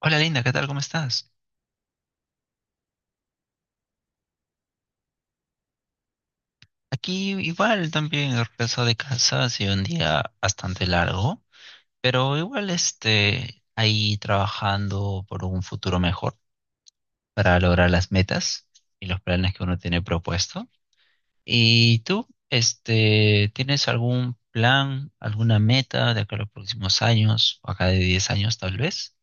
Hola Linda, ¿qué tal? ¿Cómo estás? Aquí igual también regreso de casa, ha sido un día bastante largo, pero igual ahí trabajando por un futuro mejor para lograr las metas y los planes que uno tiene propuesto. ¿Y tú, tienes algún plan, alguna meta de acá a los próximos años, o acá de 10 años tal vez?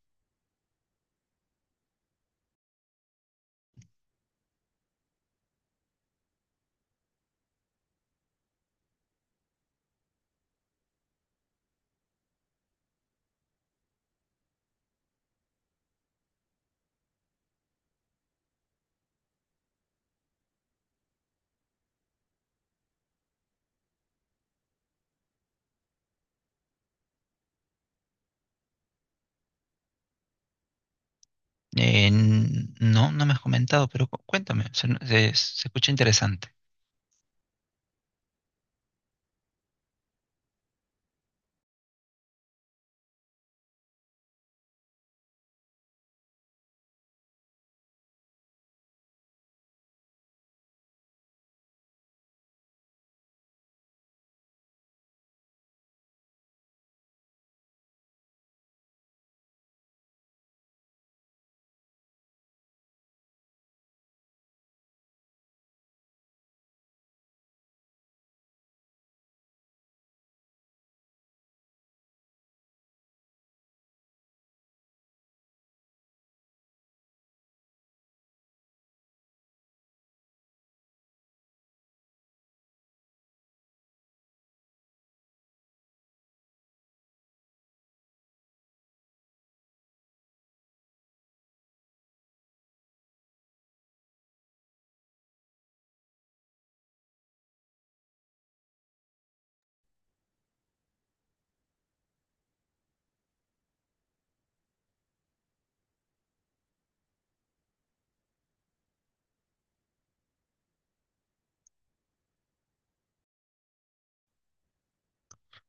No, no me has comentado, pero cuéntame, se escucha interesante.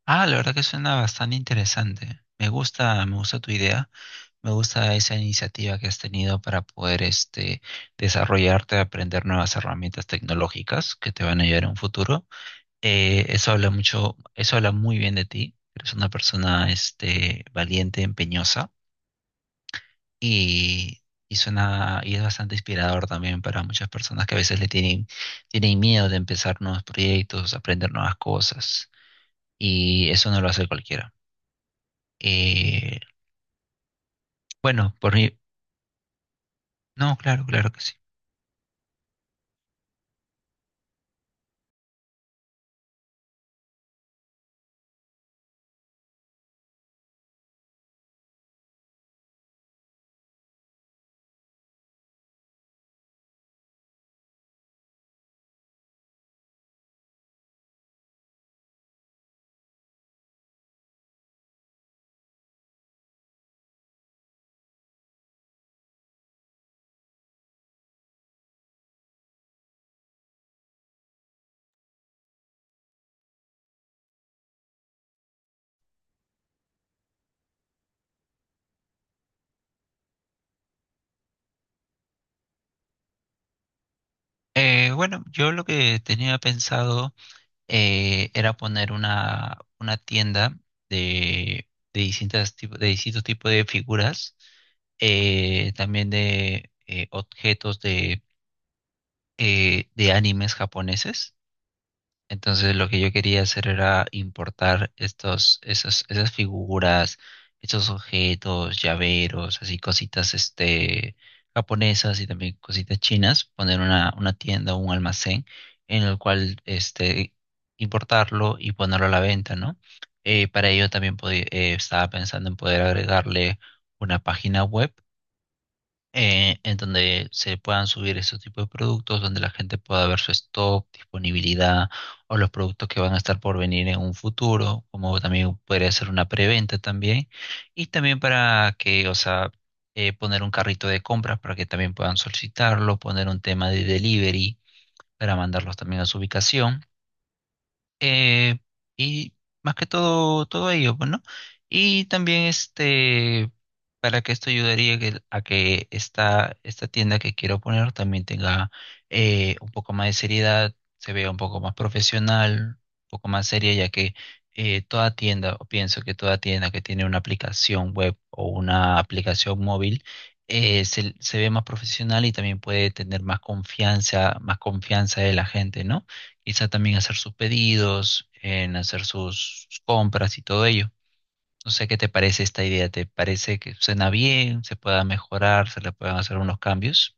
Ah, la verdad que suena bastante interesante. Me gusta tu idea, me gusta esa iniciativa que has tenido para poder desarrollarte, aprender nuevas herramientas tecnológicas que te van a ayudar en un futuro. Eso habla mucho, eso habla muy bien de ti. Eres una persona valiente, empeñosa y, y suena y es bastante inspirador también para muchas personas que a veces le tienen tienen miedo de empezar nuevos proyectos, aprender nuevas cosas y eso no lo hace cualquiera. Eh, bueno, por mí, no, claro, claro que sí. Bueno, yo lo que tenía pensado era poner una tienda de, de distintos tipos de figuras, también de objetos de animes japoneses. Entonces lo que yo quería hacer era importar esas figuras, estos objetos, llaveros, así cositas japonesas y también cositas chinas, poner una tienda, un almacén en el cual importarlo y ponerlo a la venta, ¿no? Para ello también estaba pensando en poder agregarle una página web en donde se puedan subir esos tipos de productos, donde la gente pueda ver su stock, disponibilidad o los productos que van a estar por venir en un futuro, como también podría ser una preventa también, y también para que, o sea, poner un carrito de compras para que también puedan solicitarlo, poner un tema de delivery para mandarlos también a su ubicación eh, y más que todo, todo ello, pues, ¿no? Y también para que esto a que esta tienda que quiero poner también tenga un poco más de seriedad, se vea un poco más profesional, un poco más seria, ya que toda tienda, o pienso que toda tienda que tiene una aplicación web o una aplicación móvil, se ve más profesional y también puede tener más confianza de la gente, ¿no? Quizá también hacer sus pedidos, en hacer sus compras y todo ello. No sé qué te parece esta idea, ¿te parece que suena bien, se pueda mejorar, se le puedan hacer unos cambios?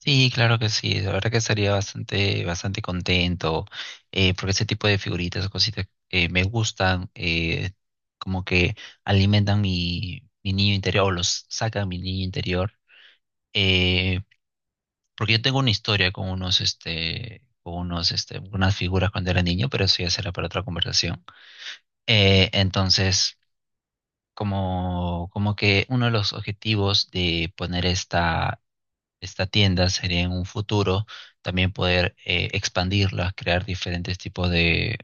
Sí, claro que sí, la verdad que estaría bastante, bastante contento, porque ese tipo de figuritas o cositas me gustan, como que alimentan mi, mi niño interior o los sacan mi niño interior. Eh, Porque yo tengo una historia con con unas figuras cuando era niño, pero eso ya será para otra conversación. Entonces, como, como que uno de los objetivos de poner esta, esta tienda sería en un futuro también poder expandirla, crear diferentes tipos de,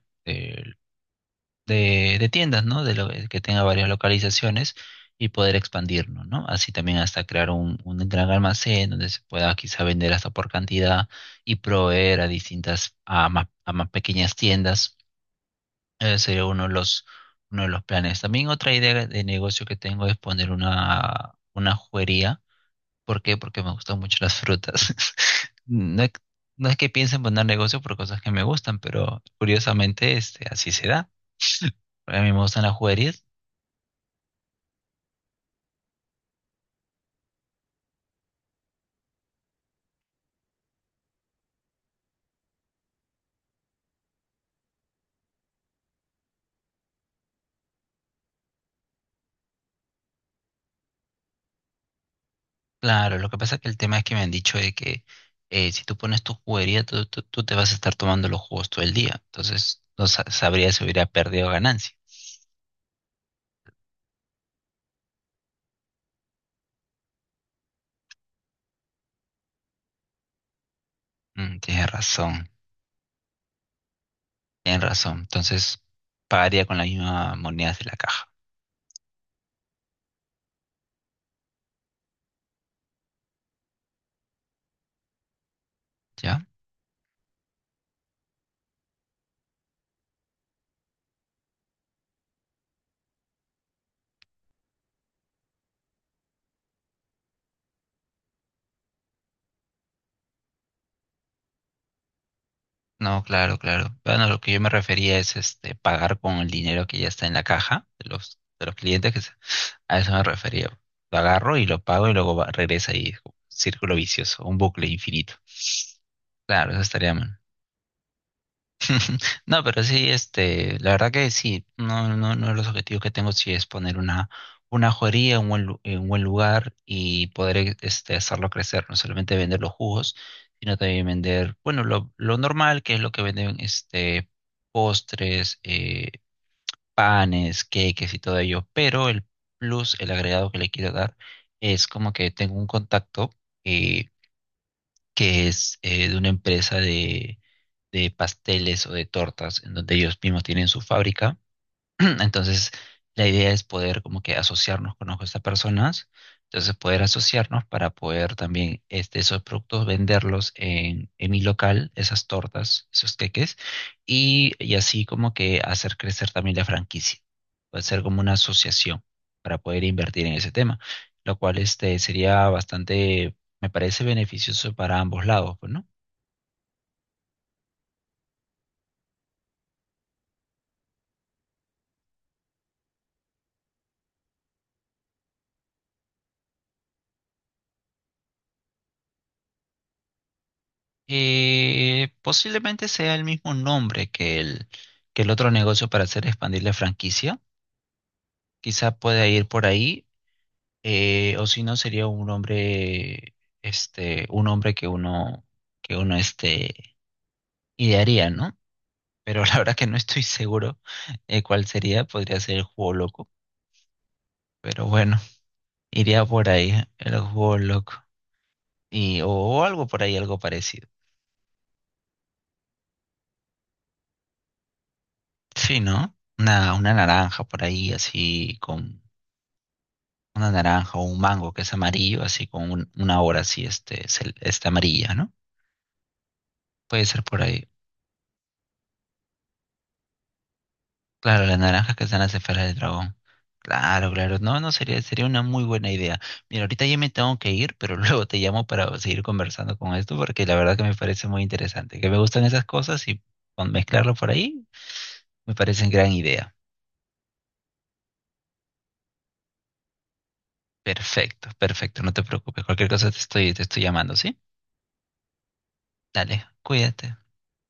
de tiendas, ¿no? De lo, que tenga varias localizaciones y poder expandirnos, ¿no? Así también hasta crear un gran almacén donde se pueda quizá vender hasta por cantidad y proveer a distintas, a más pequeñas tiendas. Ese sería uno de los planes. También otra idea de negocio que tengo es poner una juguería. ¿Por qué? Porque me gustan mucho las frutas. No es, no es que piense en poner negocio por cosas que me gustan, pero curiosamente así se da. A mí me gustan las juguerías. Claro, lo que pasa es que el tema es que me han dicho de que si tú pones tu juguería, tú te vas a estar tomando los jugos todo el día. Entonces, no sabría si hubiera perdido ganancia. Mm, tienes razón, tienes razón. Entonces, pagaría con las mismas monedas de la caja, ¿ya? No, claro, claro. Bueno, lo que yo me refería es pagar con el dinero que ya está en la caja de los clientes, a eso me refería. Lo agarro y lo pago y luego regresa y es como un círculo vicioso, un bucle infinito. Claro, eso estaría mal. No, pero sí, la verdad que sí, no, no, no de los objetivos que tengo sí es poner una joyería en un en un buen lugar y poder hacerlo crecer, no solamente vender los jugos, sino también vender, bueno, lo normal, que es lo que venden postres, panes, queques y todo ello, pero el plus, el agregado que le quiero dar es como que tengo un contacto eh, que es de una empresa de pasteles o de tortas, en donde ellos mismos tienen su fábrica. Entonces, la idea es poder como que asociarnos con estas personas, entonces poder asociarnos para poder también esos productos venderlos en mi local, esas tortas, esos queques, y así como que hacer crecer también la franquicia, puede ser como una asociación para poder invertir en ese tema, lo cual sería bastante, me parece beneficioso para ambos lados, pues, ¿no? Posiblemente sea el mismo nombre que el otro negocio para hacer expandir la franquicia. Quizá pueda ir por ahí, o si no sería un nombre, un nombre que uno idearía, ¿no? Pero la verdad que no estoy seguro cuál sería. Podría ser El Juego Loco, pero bueno, iría por ahí, el juego loco. Y, o algo por ahí, algo parecido. Sí, ¿no? Una naranja por ahí, así con una naranja o un mango que es amarillo, así con una hora así, está amarilla, ¿no? Puede ser por ahí. Claro, las naranjas que están las esferas del dragón. Claro, claro. No, no, sería, sería una muy buena idea. Mira, ahorita ya me tengo que ir, pero luego te llamo para seguir conversando con esto, porque la verdad que me parece muy interesante. Que me gustan esas cosas y con mezclarlo por ahí me parece gran idea. Perfecto, perfecto, no te preocupes. Cualquier cosa te estoy llamando, ¿sí? Dale, cuídate.